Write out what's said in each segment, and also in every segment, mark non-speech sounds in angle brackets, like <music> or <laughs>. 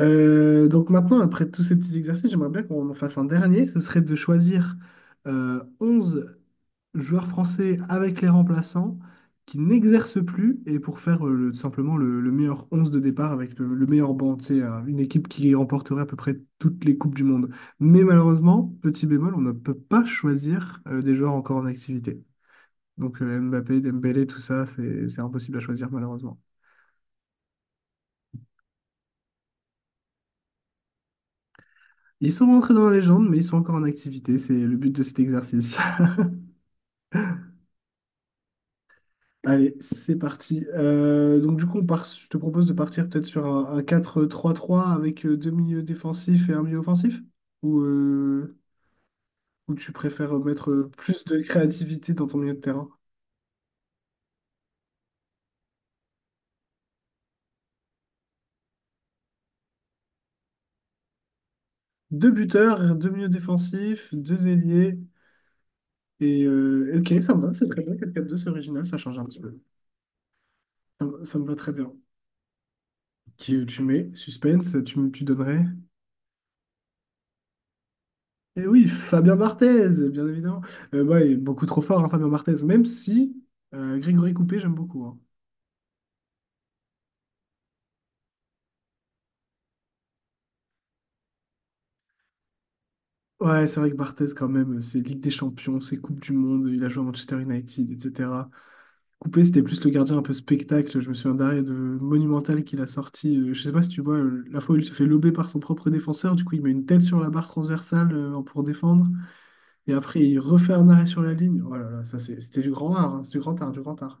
Donc maintenant, après tous ces petits exercices, j'aimerais bien qu'on en fasse un dernier. Ce serait de choisir 11 joueurs français avec les remplaçants qui n'exercent plus et pour faire tout simplement le meilleur 11 de départ avec le meilleur banc. C'est une équipe qui remporterait à peu près toutes les Coupes du Monde. Mais malheureusement, petit bémol, on ne peut pas choisir des joueurs encore en activité. Donc Mbappé, Dembélé, tout ça, c'est impossible à choisir malheureusement. Ils sont rentrés dans la légende, mais ils sont encore en activité. C'est le but de cet exercice. Allez, c'est parti. Donc du coup, on part, je te propose de partir peut-être sur un 4 trois 3 avec deux milieux défensifs et un milieu offensif? Ou, euh, ou tu préfères mettre plus de créativité dans ton milieu de terrain? Deux buteurs, deux milieux défensifs, deux ailiers. Et ok, ça me va, c'est très bien. Quatre quatre deux, c'est original, ça change un petit peu. Ça me va très bien. Qui, tu mets suspense, tu donnerais? Et oui, Fabien Barthez, bien évidemment. Ouais, il est beaucoup trop fort, hein, Fabien Barthez, même si Grégory Coupé, j'aime beaucoup. Hein. Ouais, c'est vrai que Barthez, quand même, c'est Ligue des Champions, c'est Coupe du Monde, il a joué à Manchester United, etc. Coupé, c'était plus le gardien un peu spectacle. Je me souviens d'arrêt de Monumental qu'il a sorti. Je sais pas si tu vois, la fois où il se fait lober par son propre défenseur, du coup, il met une tête sur la barre transversale pour défendre, et après, il refait un arrêt sur la ligne. Oh là là, ça, c'était du grand art, hein, c'est du grand art, du grand art.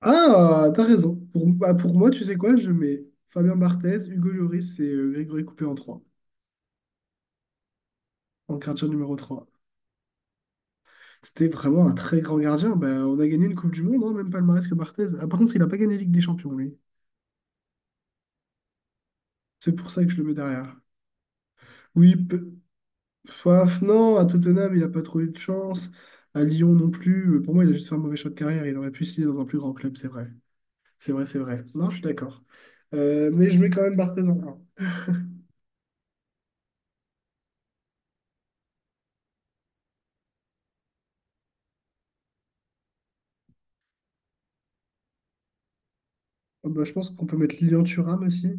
Ah, t'as raison. Pour, bah, pour moi, tu sais quoi, je mets Fabien Barthez, Hugo Lloris et Grégory Coupé en 3, en gardien numéro 3. C'était vraiment un très grand gardien. Bah, on a gagné une Coupe du Monde, hein, même palmarès que Barthez. Ah, par contre, il n'a pas gagné Ligue des Champions, lui. C'est pour ça que je le mets derrière. Oui, non, à Tottenham, il n'a pas trop eu de chance. À Lyon non plus. Pour moi, il a juste fait un mauvais choix de carrière. Il aurait pu signer dans un plus grand club, c'est vrai. C'est vrai, c'est vrai. Non, je suis d'accord. Mais je mets quand même Barthez en 1. Ah, bah, je pense qu'on peut mettre Lilian Thuram aussi.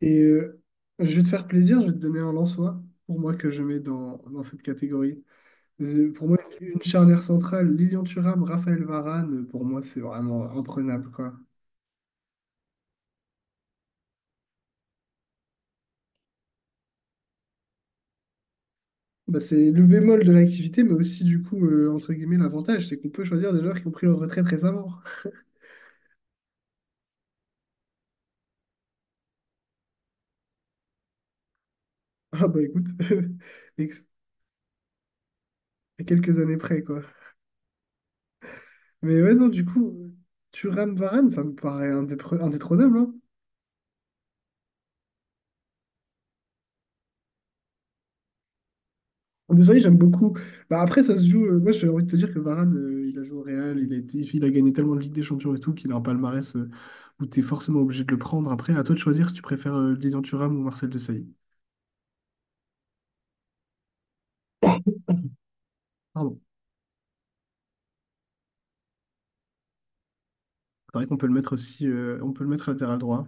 Et je vais te faire plaisir, je vais te donner un Lensois pour moi que je mets dans cette catégorie. Pour moi, une charnière centrale, Lilian Thuram, Raphaël Varane, pour moi, c'est vraiment imprenable, quoi. Bah, c'est le bémol de l'activité, mais aussi, du coup, entre guillemets, l'avantage, c'est qu'on peut choisir des joueurs qui ont pris leur retraite récemment. <laughs> Ah bah écoute, <laughs> ex- à quelques années près, quoi. Mais ouais, non, du coup, Thuram, Varane, ça me paraît indétrônable, hein. Desailly, j'aime beaucoup. Bah, après, ça se joue. Moi, j'ai envie de te dire que Varane, il a joué au Real, il a gagné tellement de Ligue des Champions et tout qu'il a un palmarès où tu es forcément obligé de le prendre. Après, à toi de choisir si tu préfères Lilian Thuram ou Marcel Desailly. Pardon. C'est vrai qu'on peut le mettre aussi, on peut le mettre latéral droit.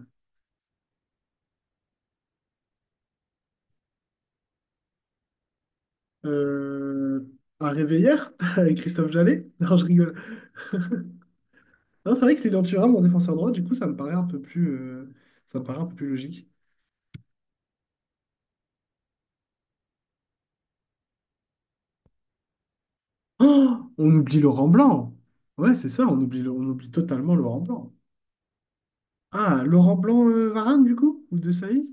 Euh, à Réveillère, <laughs> avec Christophe Jallet. <laughs> Non, je rigole. <laughs> Non, c'est vrai que Lilian Thuram en défenseur droit, du coup, ça me paraît un peu plus logique. Oh, on oublie Laurent Blanc. Ouais, c'est ça, on oublie totalement Laurent Blanc. Ah, Laurent Blanc, Varane, du coup? Ou De Sailly?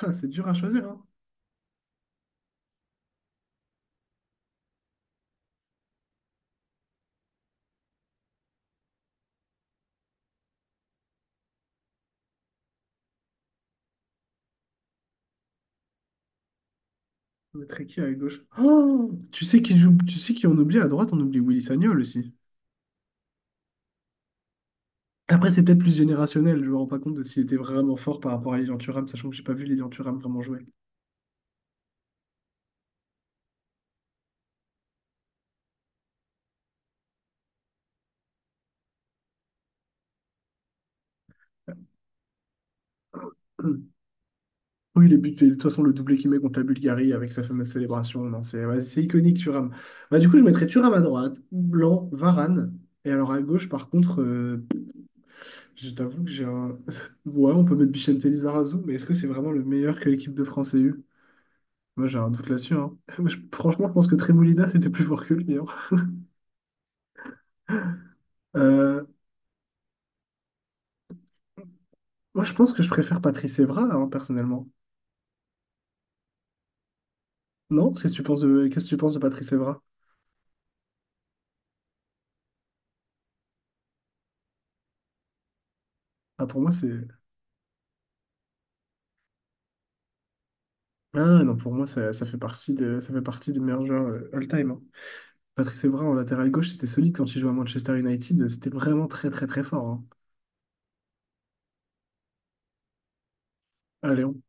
Ah, c'est dur à choisir, hein. On mettrait qui à gauche? Oh! Tu sais qui on oublie à droite, on oublie Willy Sagnol aussi. Après, c'est peut-être plus générationnel, je me rends pas compte de s'il était vraiment fort par rapport à Lilian Thuram, sachant que j'ai pas vu Lilian Thuram vraiment jouer. <clears throat> Hum. Oui, les buts, de toute façon, le doublé qu'il met contre la Bulgarie avec sa fameuse célébration, non, c'est ouais, c'est iconique, Thuram. Bah, du coup, je mettrais Thuram à droite, Blanc, Varane, et alors à gauche, par contre, je t'avoue que j'ai un. <laughs> Ouais, on peut mettre Bichente Lizarazu, mais est-ce que c'est vraiment le meilleur que l'équipe de France ait eu? Moi, j'ai un doute là-dessus. Hein. <laughs> Moi, franchement, je pense que Tremolina, c'était plus fort que lui. Hein. Euh, Moi, je pense que je préfère Patrice Evra, hein, personnellement. Non? Qu'est-ce que tu penses de Patrice Evra? Ah, pour moi, c'est. Ah, ouais, non, pour moi, ça fait partie des meilleurs joueurs all-time. Hein. Patrice Evra, en latéral gauche, c'était solide quand il jouait à Manchester United. C'était vraiment très, très, très fort. Hein. Allez, on...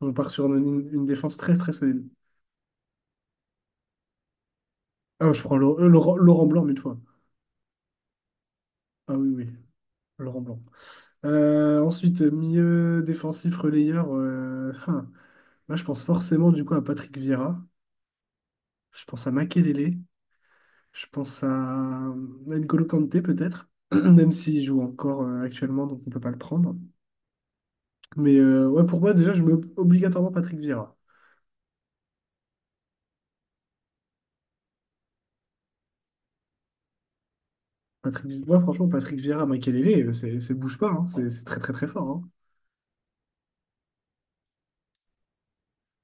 on part sur une défense très, très solide. Ah, je prends Laurent Blanc mille fois. Ah oui, oui, Laurent Blanc. Ensuite, milieu défensif relayeur. Hein. Là, je pense forcément du coup à Patrick Vieira. Je pense à Makelele. Je pense à euh, N'Golo Kanté peut-être, <clears throat> même s'il joue encore actuellement, donc on ne peut pas le prendre. Mais ouais, pour moi, déjà, je mets obligatoirement Patrick Vieira. Patrick, moi, franchement, Patrick Vieira, Makelele, c'est bouge pas. Hein. C'est très, très, très fort. Hein.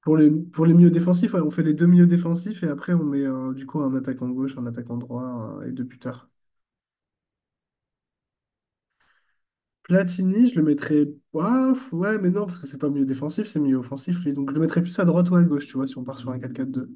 Pour les milieux défensifs, ouais, on fait les deux milieux défensifs et après, on met du coup un attaquant gauche, un attaquant droit et deux buteurs. Platini, je le mettrais. Ouah, ouais, mais non, parce que c'est pas milieu défensif, c'est milieu offensif, lui. Donc je le mettrais plus à droite ou à gauche, tu vois, si on part sur un quatre quatre deux.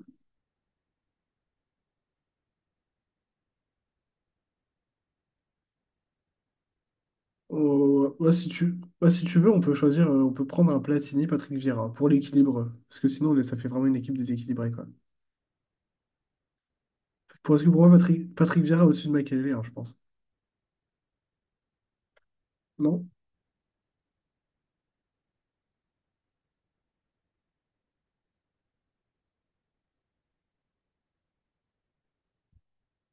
Oh, ouais, si tu veux, on peut prendre un Platini, Patrick Vieira, pour l'équilibre. Parce que sinon, là, ça fait vraiment une équipe déséquilibrée, quoi. Parce que pour moi, Patrick Vieira au-dessus de Makelele, hein, je pense. Non?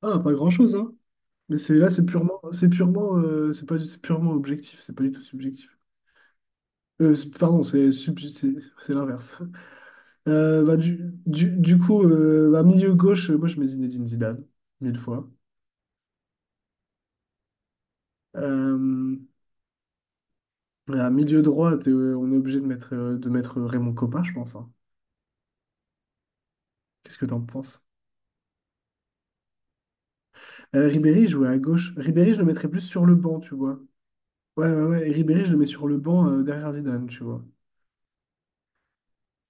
Ah, pas grand-chose, hein. Mais c'est là, c'est pas, c'est purement objectif, c'est pas du tout subjectif. Pardon, c'est l'inverse. Bah, du coup, bah, milieu gauche, moi je mets Zinedine Zidane, mille fois. Euh, à milieu droit, on est obligé de mettre Raymond Kopa, je pense. Hein. Qu'est-ce que t'en penses? Ribéry il jouait à gauche. Ribéry, je le mettrais plus sur le banc, tu vois. Ouais, ouais, ouais. Et Ribéry, je le mets sur le banc derrière Zidane, tu vois.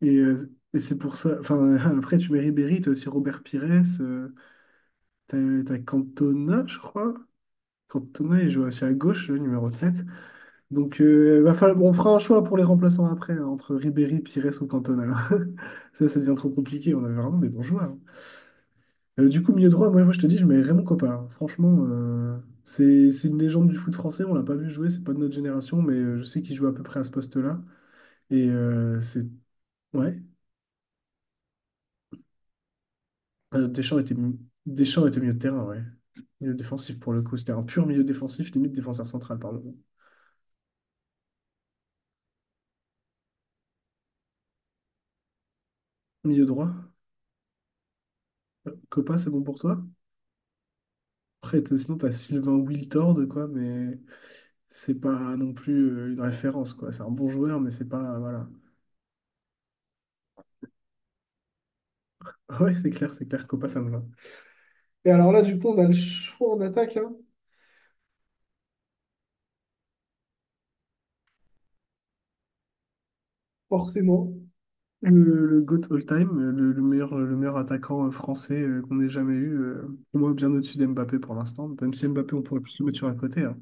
Et c'est pour ça. Enfin, <laughs> après, tu mets Ribéry, t'as aussi Robert Pires, euh, t'as, t'as Cantona, je crois. Cantona, il joue aussi à gauche, le numéro sept. Donc, bon, on fera un choix pour les remplaçants après, hein, entre Ribéry, Pires ou Cantona. <laughs> Ça devient trop compliqué. On avait vraiment des bons joueurs. Hein. Du coup, milieu droit, moi, je te dis, je mets Raymond Kopa. Hein. Franchement, c'est une légende du foot français. On l'a pas vu jouer, c'est pas de notre génération, mais je sais qu'il joue à peu près à ce poste-là. Et c'est. Ouais. Euh, Deschamps était, mi- Deschamps était milieu de terrain, ouais. Milieu défensif pour le coup. C'était un pur milieu défensif, limite défenseur central, pardon. Milieu droit. Kopa, c'est bon pour toi? Après, sinon, t'as Sylvain Wiltord, quoi, mais. C'est pas non plus une référence, quoi. C'est un bon joueur, mais c'est pas, voilà. <laughs> Ouais, c'est clair, Copa, ça me va. Et alors là, du coup, on a le choix en attaque, hein, forcément. Le GOAT all-time, le meilleur attaquant français qu'on ait jamais eu, pour moi, bien au-dessus d'Mbappé pour l'instant. Même si Mbappé, on pourrait plus le mettre sur un côté. Hein.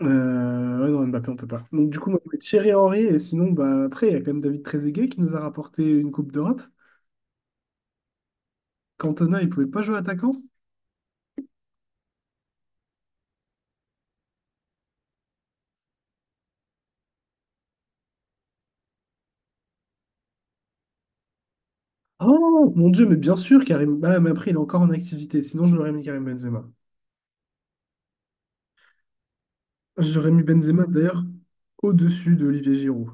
Ouais, non, Mbappé, on peut pas. Donc, du coup, moi, je mets Thierry Henry, et sinon, bah, après, il y a quand même David Trezeguet qui nous a rapporté une Coupe d'Europe. Cantona, il pouvait pas jouer attaquant. Oh mon Dieu, mais bien sûr, Karim. Bah, mais après, il est encore en activité. Sinon, je l'aurais mis Karim Benzema. J'aurais mis Benzema d'ailleurs au-dessus d'Olivier Giroud.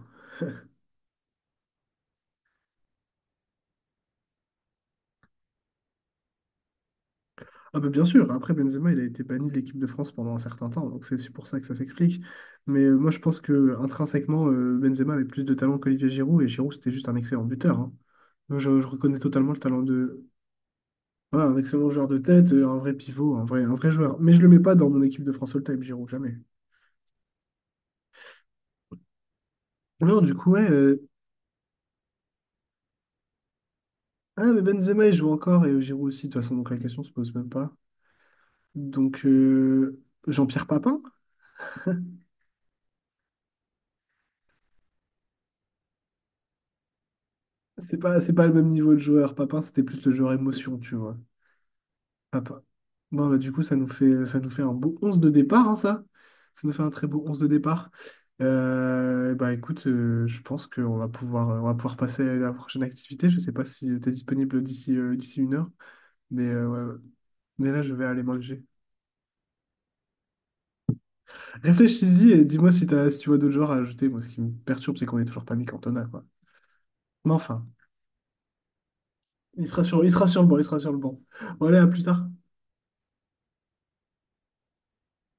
Ah bah bien sûr, après Benzema, il a été banni de l'équipe de France pendant un certain temps, donc c'est aussi pour ça que ça s'explique. Mais moi, je pense que intrinsèquement, Benzema avait plus de talent qu'Olivier Giroud, et Giroud, c'était juste un excellent buteur. Hein. Donc, je reconnais totalement le talent de... Voilà, un excellent joueur de tête, un vrai pivot, un vrai joueur. Mais je le mets pas dans mon équipe de France All-Time, Giroud, jamais. Non, du coup, ouais, ah, mais Benzema, il joue encore et Giroud aussi, de toute façon, donc la question se pose même pas. Donc, Jean-Pierre Papin, c'est pas le même niveau de joueur. Papin, c'était plus le joueur émotion, tu vois. Papin. Bon, bah, du coup, ça nous fait un beau 11 de départ, hein, ça. Ça nous fait un très beau 11 de départ. Bah, écoute, je pense qu'on va pouvoir passer à la prochaine activité. Je sais pas si tu es disponible d'ici une heure, mais, ouais. Ouais. Mais là, je vais aller manger. Réfléchis-y et dis-moi si tu vois d'autres genres à ajouter. Moi, ce qui me perturbe, c'est qu'on est toujours pas mis Cantona, quoi. Mais enfin, il sera sur le banc. Bon, allez, à plus tard.